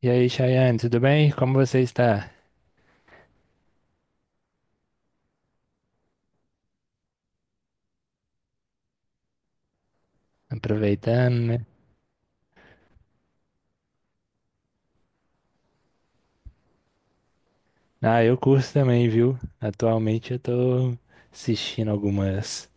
E aí, Chayane, tudo bem? Como você está? Aproveitando, né? Ah, eu curto também, viu? Atualmente eu tô assistindo algumas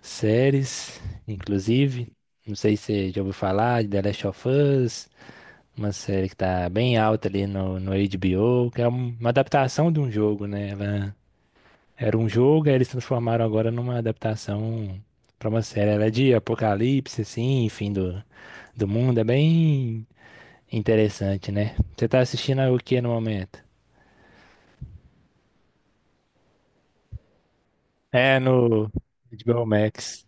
séries, inclusive. Não sei se você já ouviu falar de The Last of Us, uma série que tá bem alta ali no HBO, que é uma adaptação de um jogo, né? Ela era um jogo, aí eles transformaram agora numa adaptação pra uma série. Ela é de apocalipse, assim, fim do mundo. É bem interessante, né? Você tá assistindo o que no momento? É no HBO Max.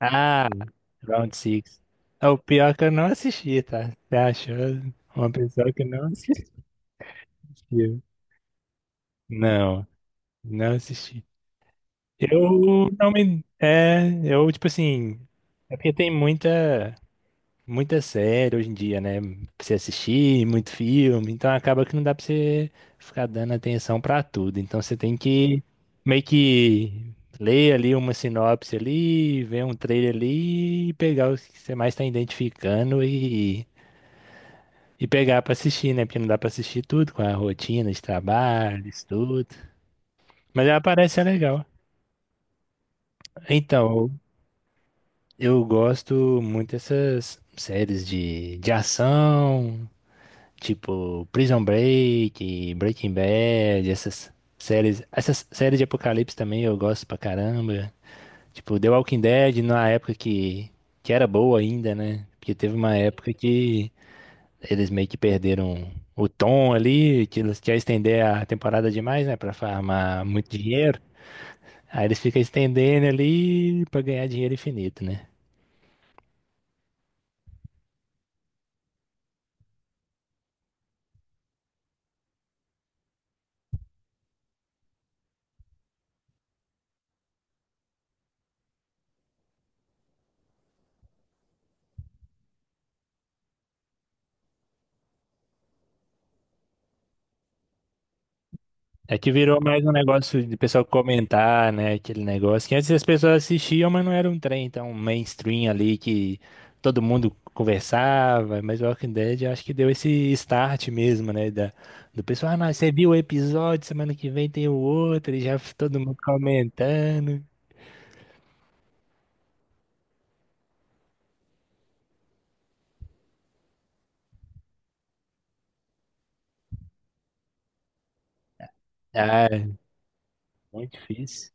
Ah, Round Six. É o pior é que eu não assisti, tá? Você achou uma pessoa que não assistiu? Não, não assisti. Eu não me. É, eu, tipo assim. É porque tem muita. Muita série hoje em dia, né? Pra você assistir, muito filme, então acaba que não dá pra você ficar dando atenção pra tudo. Então você tem que meio que ler ali uma sinopse ali, ver um trailer ali e pegar os que você mais tá identificando e pegar pra assistir, né? Porque não dá pra assistir tudo com a rotina de trabalho, estudo. Mas ela parece ser legal. Então, eu gosto muito dessas séries de ação. Tipo, Prison Break, Breaking Bad, essas séries. Essas séries de apocalipse também eu gosto pra caramba. Tipo, The Walking Dead, na época que era boa ainda, né? Porque teve uma época que eles meio que perderam o tom ali, que eles querem estender a temporada demais, né? Pra farmar muito dinheiro. Aí eles ficam estendendo ali pra ganhar dinheiro infinito, né? É que virou mais um negócio de pessoal comentar, né? Aquele negócio que antes as pessoas assistiam, mas não era um trem tão mainstream ali que todo mundo conversava. Mas o Walking Dead eu acho que deu esse start mesmo, né? Do pessoal, ah, não, você viu o episódio, semana que vem tem o outro, e já todo mundo comentando. Ah, muito difícil.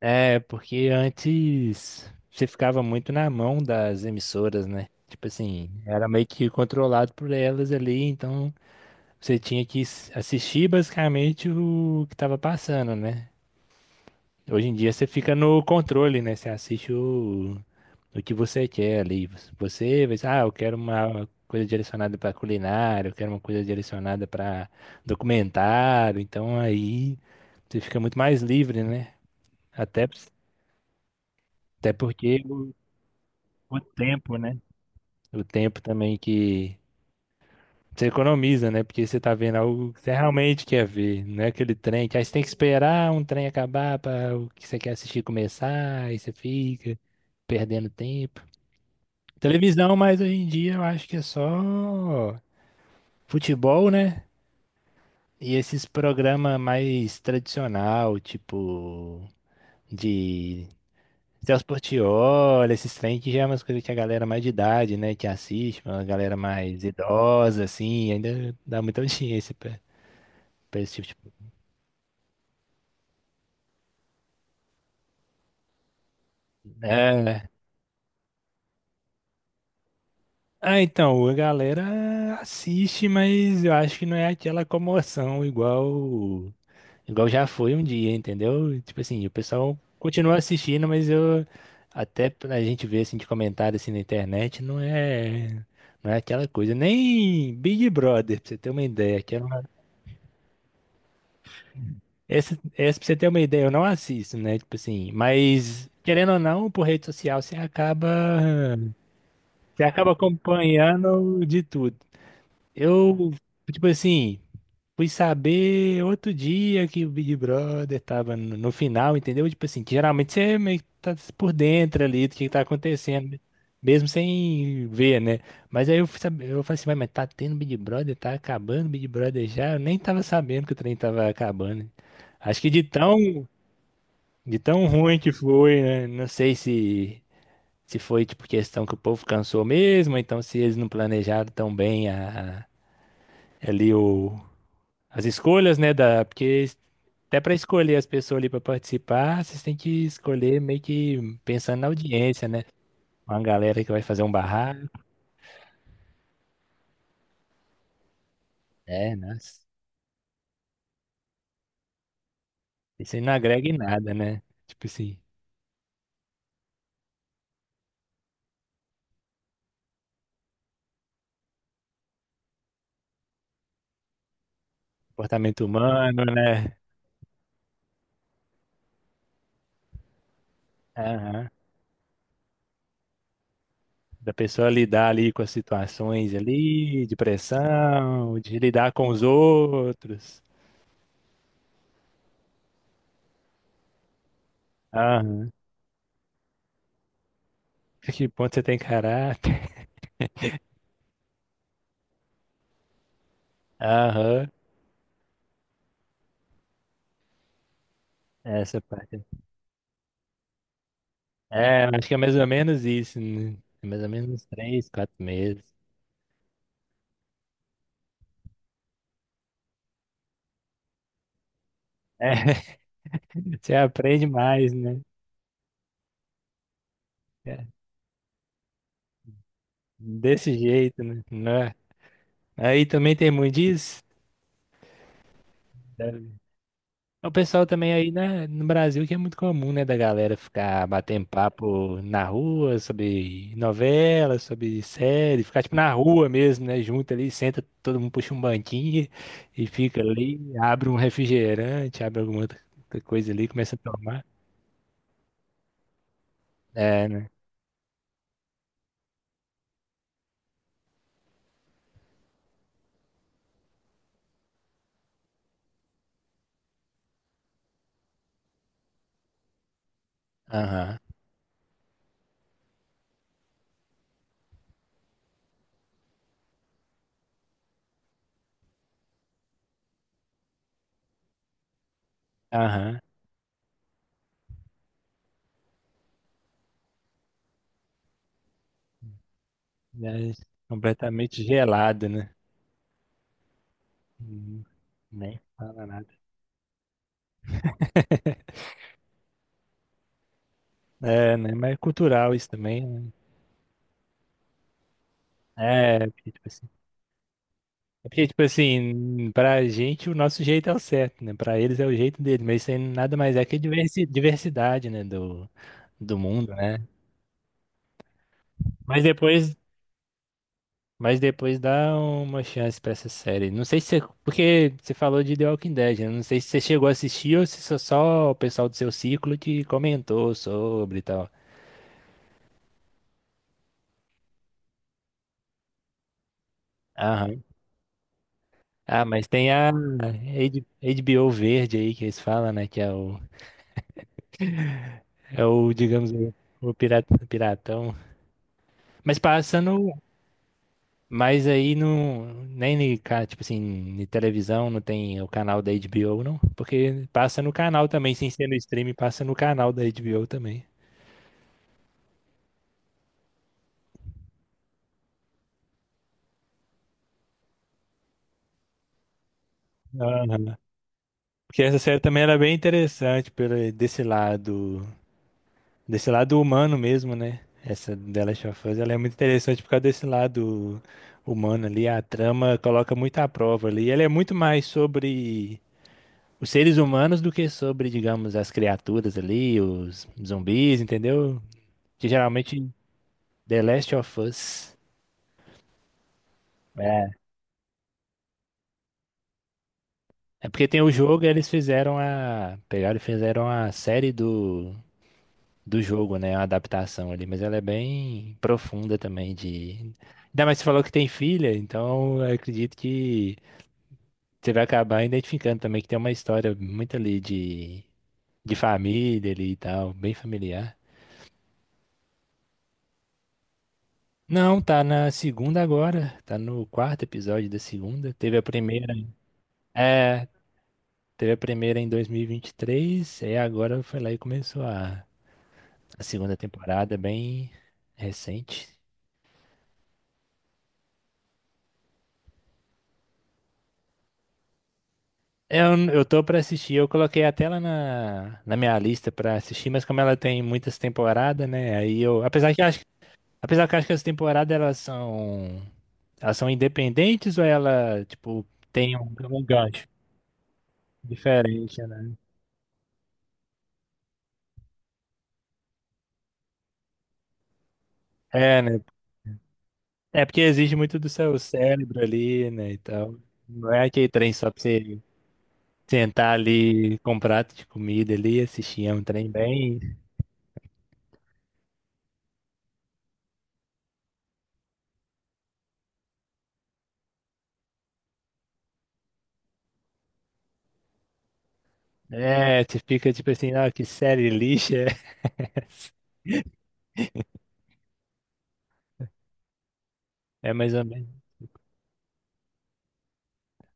É, porque antes você ficava muito na mão das emissoras, né? Tipo assim, era meio que controlado por elas ali, então. Você tinha que assistir basicamente o que tava passando, né? Hoje em dia você fica no controle, né? Você assiste o que você quer ali. Você vai, ah, eu quero uma coisa direcionada pra culinária, eu quero uma coisa direcionada pra documentário. Então aí você fica muito mais livre, né? Até, até porque o tempo, né? O tempo também que você economiza, né? Porque você tá vendo algo que você realmente quer ver, não é aquele trem que aí você tem que esperar um trem acabar para o que você quer assistir começar, aí você fica perdendo tempo. Televisão, mas hoje em dia eu acho que é só futebol, né? E esses programas mais tradicional, tipo de Celso Portiolli, esses trem que já é umas coisas que a galera mais de idade, né, que assiste, uma galera mais idosa, assim, ainda dá muita audiência pra esse tipo de É. Ah, então, a galera assiste, mas eu acho que não é aquela comoção igual já foi um dia, entendeu? Tipo assim, o pessoal continua assistindo, mas eu até pra gente ver assim de comentário assim na internet, não é aquela coisa, nem Big Brother, pra você ter uma ideia, que era uma... Essa pra você ter uma ideia, eu não assisto, né? Tipo assim, mas querendo ou não, por rede social você acaba acompanhando de tudo. Eu, tipo assim, fui saber outro dia que o Big Brother tava no final, entendeu? Tipo assim, que geralmente você meio que tá por dentro ali do que tá acontecendo, mesmo sem ver, né? Mas aí eu fui saber, eu falei assim, "Ué, mas tá tendo Big Brother, tá acabando o Big Brother já? Eu nem tava sabendo que o trem tava acabando." Acho que de tão ruim que foi, né? Não sei se. Se foi, tipo, questão que o povo cansou mesmo, ou então se eles não planejaram tão bem ali as escolhas, né, porque até para escolher as pessoas ali para participar, vocês têm que escolher meio que pensando na audiência, né? Uma galera que vai fazer um barraco, é, nossa. Isso aí não agrega em nada, né? Tipo assim, comportamento humano, né? Aham. Da pessoa lidar ali com as situações ali, de pressão, de lidar com os outros. Aham. Que ponto você tem caráter? Aham. Essa parte. É, acho que é mais ou menos isso, né? É mais ou menos uns três, quatro meses. É, você aprende mais, né? É, desse jeito, né? Não é? Aí também tem muito disso. Deve. O pessoal também aí, né, no Brasil que é muito comum, né, da galera ficar batendo papo na rua sobre novela, sobre série, ficar tipo na rua mesmo, né, junto ali, senta, todo mundo puxa um banquinho e fica ali, abre um refrigerante, abre alguma outra coisa ali, começa a tomar. É, né? Aham, aham. É completamente gelado, né? Uhum. Nem fala nada. É, né? Mas é cultural isso também, né? É, porque, tipo assim. É porque, tipo assim, pra gente o nosso jeito é o certo, né? Pra eles é o jeito deles, mas isso aí nada mais é que a diversidade, né? Do mundo, né? Mas depois, mas depois dá uma chance pra essa série. Não sei se você, porque você falou de The Walking Dead, né? Não sei se você chegou a assistir ou se só o pessoal do seu ciclo que comentou sobre e tal. Aham. Ah, mas tem a HBO Verde aí que eles falam, né? Que é o digamos, o pirata, piratão. Mas passa no. Mas aí não. Nem, tipo assim, em televisão não tem o canal da HBO, não? Porque passa no canal também, sem ser no stream, passa no canal da HBO também. Aham. Porque essa série também era bem interessante pelo, desse lado. Desse lado humano mesmo, né? Essa The Last of Us, ela é muito interessante por causa desse lado humano ali. A trama coloca muito à prova ali. Ela é muito mais sobre os seres humanos do que sobre, digamos, as criaturas ali, os zumbis, entendeu? Que geralmente The Last of Us. É. É porque tem o jogo e eles fizeram a. Pegaram e fizeram a série do jogo, né? Uma adaptação ali, mas ela é bem profunda também de. Ainda mais você falou que tem filha, então eu acredito que você vai acabar identificando também que tem uma história muito ali de família ali e tal, bem familiar. Não, tá na segunda agora, tá no quarto episódio da segunda. É, teve a primeira em 2023, e vinte e três, e agora foi lá e começou a segunda temporada, bem recente. É, eu tô pra assistir, eu coloquei até ela na minha lista pra assistir, mas como ela tem muitas temporadas, né? Aí eu, apesar que eu acho que as temporadas elas são independentes ou ela, tipo, tem um gancho diferente, né? É, né? É porque exige muito do seu cérebro ali, né, e tal. Não é aquele trem só pra você sentar ali com um prato de comida ali, assistir, é um trem bem... É, você fica tipo assim, ah, que série lixa é essa? É mais ou menos.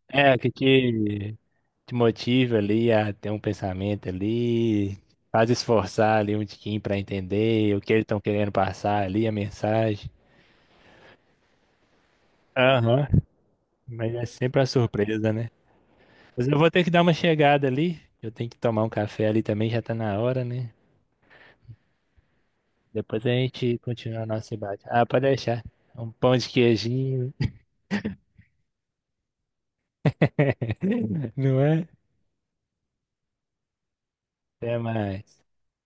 É, o que te motiva ali a ter um pensamento ali, faz esforçar ali um tiquinho para entender o que eles estão querendo passar ali, a mensagem. Aham, mas é sempre uma surpresa, né? Mas eu vou ter que dar uma chegada ali, eu tenho que tomar um café ali também, já tá na hora, né? Depois a gente continua o nosso debate. Ah, pode deixar. Um pão de queijinho, não é? Até mais.